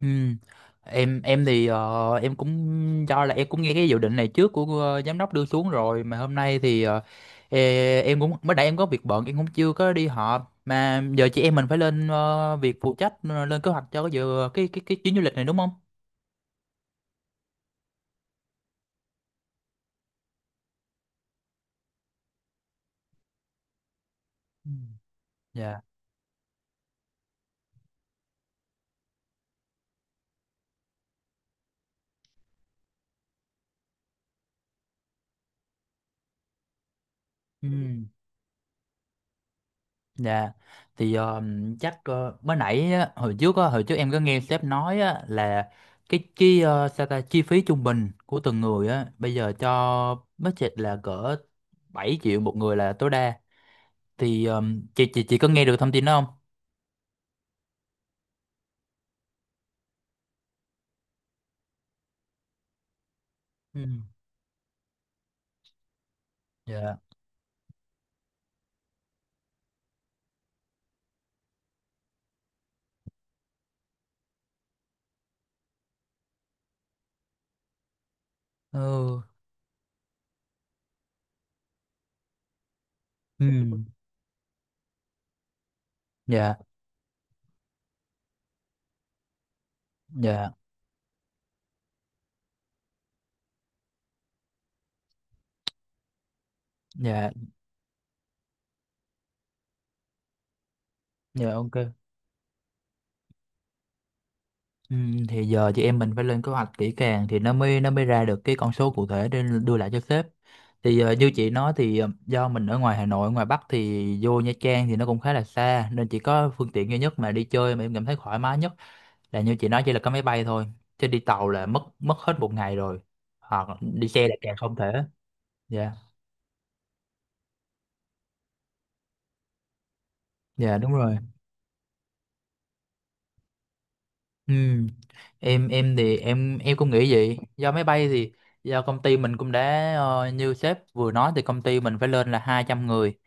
Ừ. Em thì em cũng do là em cũng nghe cái dự định này trước của giám đốc đưa xuống rồi, mà hôm nay em cũng mới nãy em có việc bận, em cũng chưa có đi họp, mà giờ chị em mình phải lên việc phụ trách, lên kế hoạch cho cái dự cái chuyến du lịch này, đúng không? Ừ. Dạ. Ừ. Dạ. Thì ờ, chắc ờ, mới nãy á, hồi trước em có nghe sếp nói á, là sao ta, chi phí trung bình của từng người á bây giờ cho budget là cỡ 7 triệu một người là tối đa. Thì ờ, chị có nghe được thông tin đó không? Ừ. Dạ. Ừ. Ừ. Dạ, dạ, dạ, dạ, ok. Ừ, thì giờ chị em mình phải lên kế hoạch kỹ càng thì nó mới ra được cái con số cụ thể để đưa lại cho sếp. Như chị nói thì do mình ở ngoài Hà Nội, ngoài Bắc, thì vô Nha Trang thì nó cũng khá là xa, nên chỉ có phương tiện duy nhất mà đi chơi mà em cảm thấy thoải mái nhất là như chị nói, chỉ là có máy bay thôi, chứ đi tàu là mất mất hết một ngày rồi, hoặc đi xe là càng không thể. Dạ. Dạ đúng rồi. Ừ. Em thì em cũng nghĩ vậy. Do máy bay thì do công ty mình cũng đã, như sếp vừa nói, thì công ty mình phải lên là 200 người.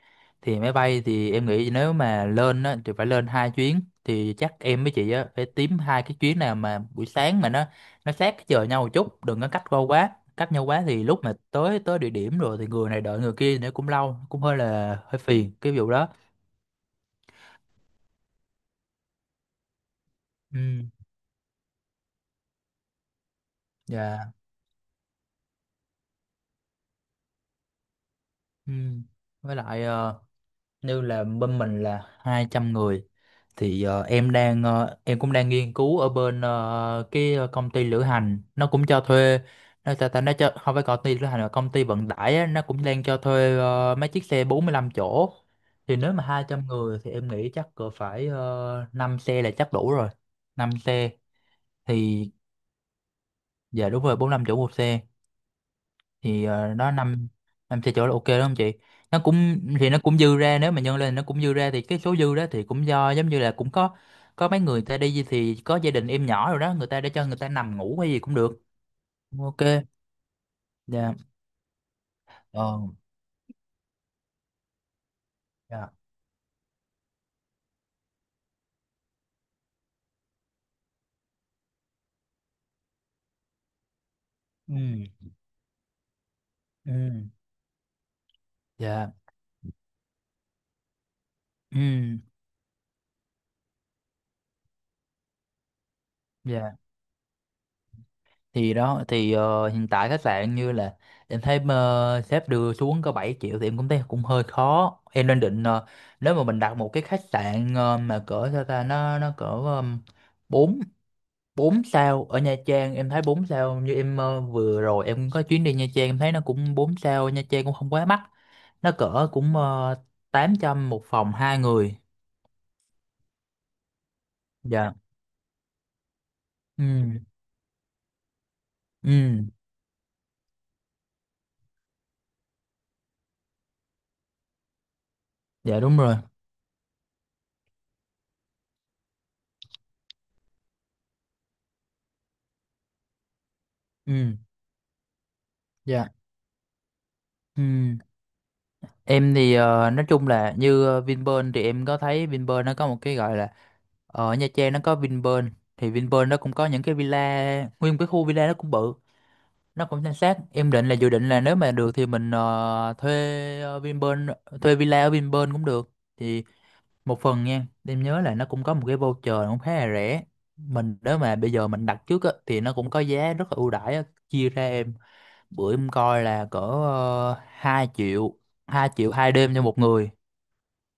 Thì máy bay thì em nghĩ nếu mà lên á, thì phải lên hai chuyến, thì chắc em với chị á phải tím hai cái chuyến nào mà buổi sáng mà nó sát cái giờ nhau một chút, đừng có cách qua quá. Cách nhau quá thì lúc mà tới tới địa điểm rồi thì người này đợi người kia nữa cũng lâu, cũng hơi là hơi phiền cái vụ đó. Ừ. Dạ. Ừ. Với lại, như là bên mình là 200 người, thì em cũng đang nghiên cứu ở bên, cái công ty lữ hành nó cũng cho thuê, nó ta, ta nó cho, không phải công ty lữ hành mà công ty vận tải á, nó cũng đang cho thuê mấy chiếc xe 45 chỗ. Thì nếu mà 200 người thì em nghĩ chắc cỡ phải 5 xe là chắc đủ rồi. Năm xe. Thì dạ đúng rồi, 45 chỗ một xe. Đó, năm năm xe chỗ là ok đó không chị, nó cũng thì nó cũng dư ra, nếu mà nhân lên nó cũng dư ra, thì cái số dư đó thì cũng do giống như là cũng có mấy người ta đi thì có gia đình em nhỏ rồi đó, người ta để cho người ta nằm ngủ hay gì cũng được. Ok. Dạ. Ờ. Dạ. Ừ. Ừ. Dạ. Ừ. Dạ, thì đó, hiện tại khách sạn như là em thấy sếp đưa xuống có 7 triệu, thì em cũng thấy cũng hơi khó, em đang định nếu mà mình đặt một cái khách sạn mà cỡ sao ta, nó cỡ bốn 4 sao ở Nha Trang, em thấy 4 sao, như em vừa rồi em có chuyến đi Nha Trang em thấy nó cũng 4 sao, Nha Trang cũng không quá mắc, nó cỡ cũng uh, 800 một phòng hai người. Dạ. Ừ. Ừ. Dạ đúng rồi. Ừ. Dạ. Ừ. Em thì nói chung là như Vinpearl thì em có thấy Vinpearl nó có một cái gọi là, ở Nha Trang nó có Vinpearl, thì Vinpearl nó cũng có những cái villa, nguyên một cái khu villa nó cũng bự, nó cũng san sát, em định là dự định là nếu mà được thì mình thuê Vinpearl, thuê villa ở Vinpearl cũng được. Thì một phần nha, em nhớ là nó cũng có một cái voucher cũng khá là rẻ, mình nếu mà bây giờ mình đặt trước á, thì nó cũng có giá rất là ưu đãi á. Chia ra, em bữa em coi là cỡ, 2 triệu 2 triệu hai đêm cho một người,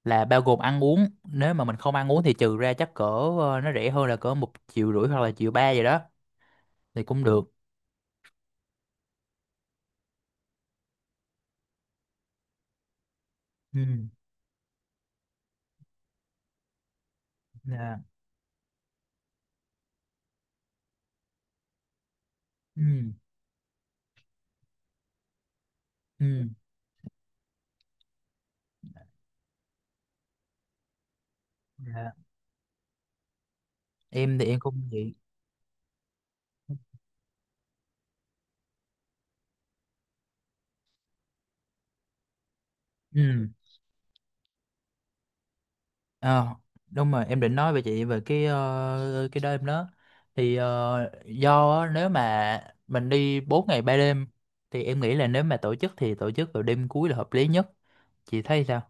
là bao gồm ăn uống, nếu mà mình không ăn uống thì trừ ra chắc cỡ, nó rẻ hơn là cỡ một triệu rưỡi hoặc là triệu ba vậy đó, thì cũng được. Ừ. Dạ. Ừ. Ừ. Dạ. Em thì em cũng vậy. Ừ. À, đúng rồi, em định nói về chị về cái, cái đó em đó. Do á, nếu mà mình đi 4 ngày 3 đêm thì em nghĩ là nếu mà tổ chức thì tổ chức vào đêm cuối là hợp lý nhất, chị thấy sao?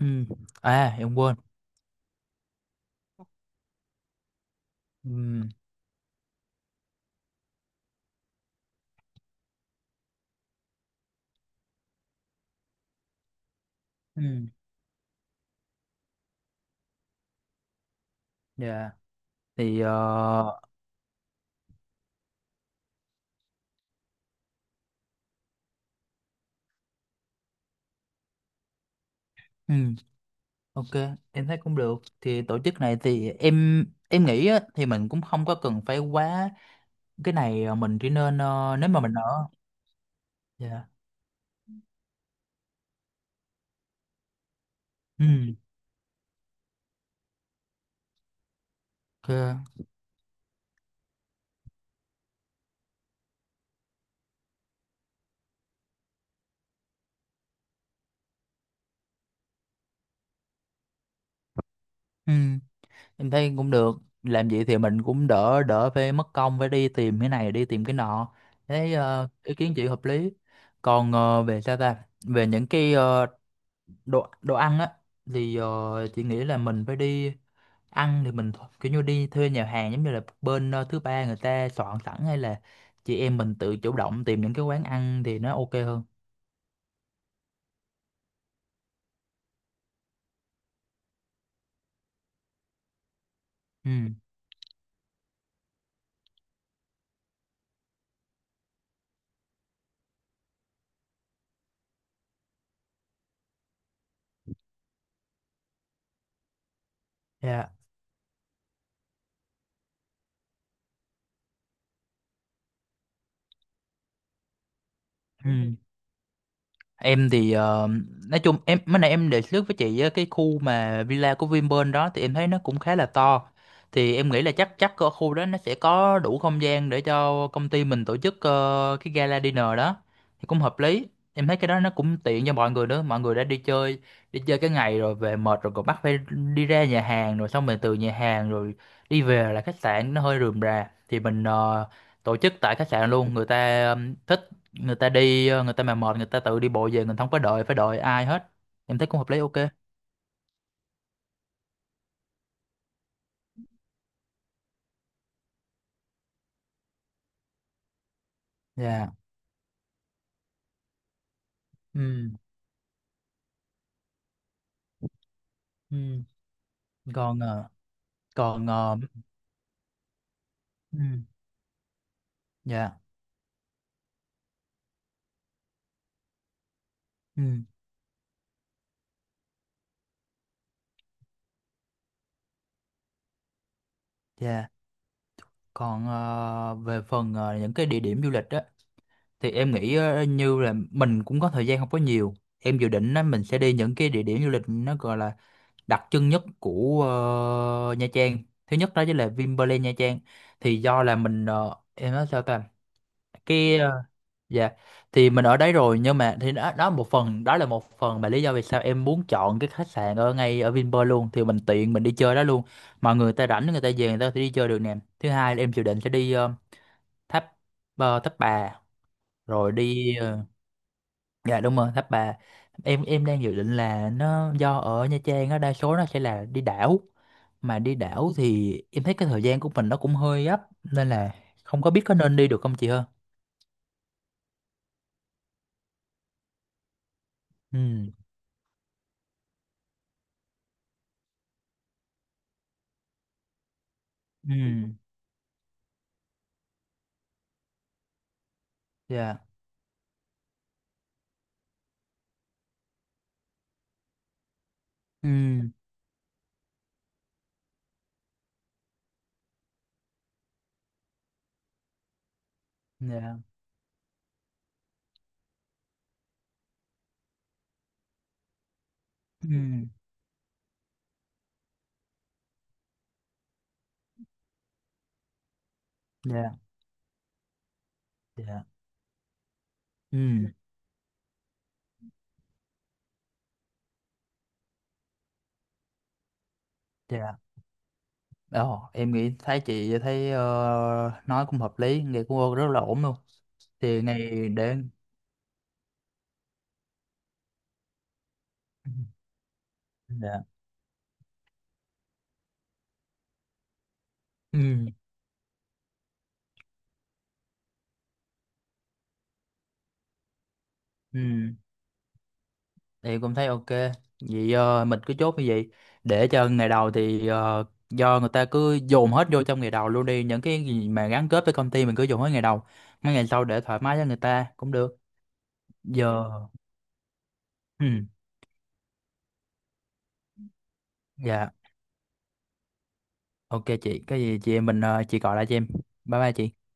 Ừ. À em quên. Ừ. Ừ. Dạ. thì ờ, ừ. Ok, em thấy cũng được. Thì tổ chức này thì em nghĩ á, thì mình cũng không có cần phải quá cái này, mình chỉ nên, nếu mà mình ở. Dạ. Ừ, ok. Ừ, em thấy cũng được. Làm vậy thì mình cũng đỡ đỡ phải mất công phải đi tìm cái này đi tìm cái nọ. Thấy ý kiến chị hợp lý. Còn về sao ta? Về những cái, đồ đồ ăn á, thì chị nghĩ là mình phải đi ăn thì mình kiểu như đi thuê nhà hàng giống như là bên, thứ ba người ta soạn sẵn, hay là chị em mình tự chủ động tìm những cái quán ăn thì nó ok hơn? Ừ. Dạ. Ừ. Em thì nói chung em mới nãy em đề xuất với chị á, cái khu mà villa của Vinpearl đó thì em thấy nó cũng khá là to. Thì em nghĩ là chắc chắc ở khu đó nó sẽ có đủ không gian để cho công ty mình tổ chức cái gala dinner đó. Thì cũng hợp lý. Em thấy cái đó nó cũng tiện cho mọi người nữa, mọi người đã đi chơi cái ngày rồi về mệt rồi còn bắt phải đi ra nhà hàng, rồi xong mình từ nhà hàng rồi đi về là khách sạn nó hơi rườm rà. Thì mình tổ chức tại khách sạn luôn, người ta thích, người ta đi, người ta mà mệt người ta tự đi bộ về, mình không có đợi phải đợi ai hết. Em thấy cũng hợp lý, ok. Dạ. Ừ. Ừ. Còn, còn, ừ. Dạ. Ừ. Dạ. Còn về phần, những cái địa điểm du lịch á, thì em nghĩ như là mình cũng có thời gian không có nhiều, em dự định á mình sẽ đi những cái địa điểm du lịch nó gọi là đặc trưng nhất của, Nha Trang. Thứ nhất đó chính là Vinpearl Nha Trang, thì do là mình, em nói sao ta cái, dạ, thì mình ở đấy rồi, nhưng mà thì đó, đó một phần, đó là một phần mà lý do vì sao em muốn chọn cái khách sạn ở ngay ở Vinpearl luôn, thì mình tiện mình đi chơi đó luôn. Mọi người ta rảnh người ta về người ta có thể đi chơi được nè. Thứ hai là em dự định sẽ đi, tháp tháp bà, rồi đi, dạ, đúng rồi, tháp bà. Em đang dự định là nó do ở Nha Trang á, đa số nó sẽ là đi đảo, mà đi đảo thì em thấy cái thời gian của mình nó cũng hơi gấp, nên là không có biết có nên đi được không chị ha. Ừ. Ừ. Dạ. Ừ. Dạ. Ừ, dạ, dạ, ừ, dạ. Ồ, em nghĩ thấy chị thấy, nói cũng hợp lý, nghe cũng rất là ổn luôn. Thì này để, dạ, ừ, ừ, thì cũng thấy ok. Vậy mình cứ chốt như vậy, để cho ngày đầu thì, do người ta cứ dồn hết vô trong ngày đầu luôn đi, những cái gì mà gắn kết với công ty mình cứ dồn hết ngày đầu, mấy ngày sau để thoải mái cho người ta cũng được. Giờ, ừ, dạ, ok chị, cái gì chị em mình, chị gọi lại cho em. Bye bye chị.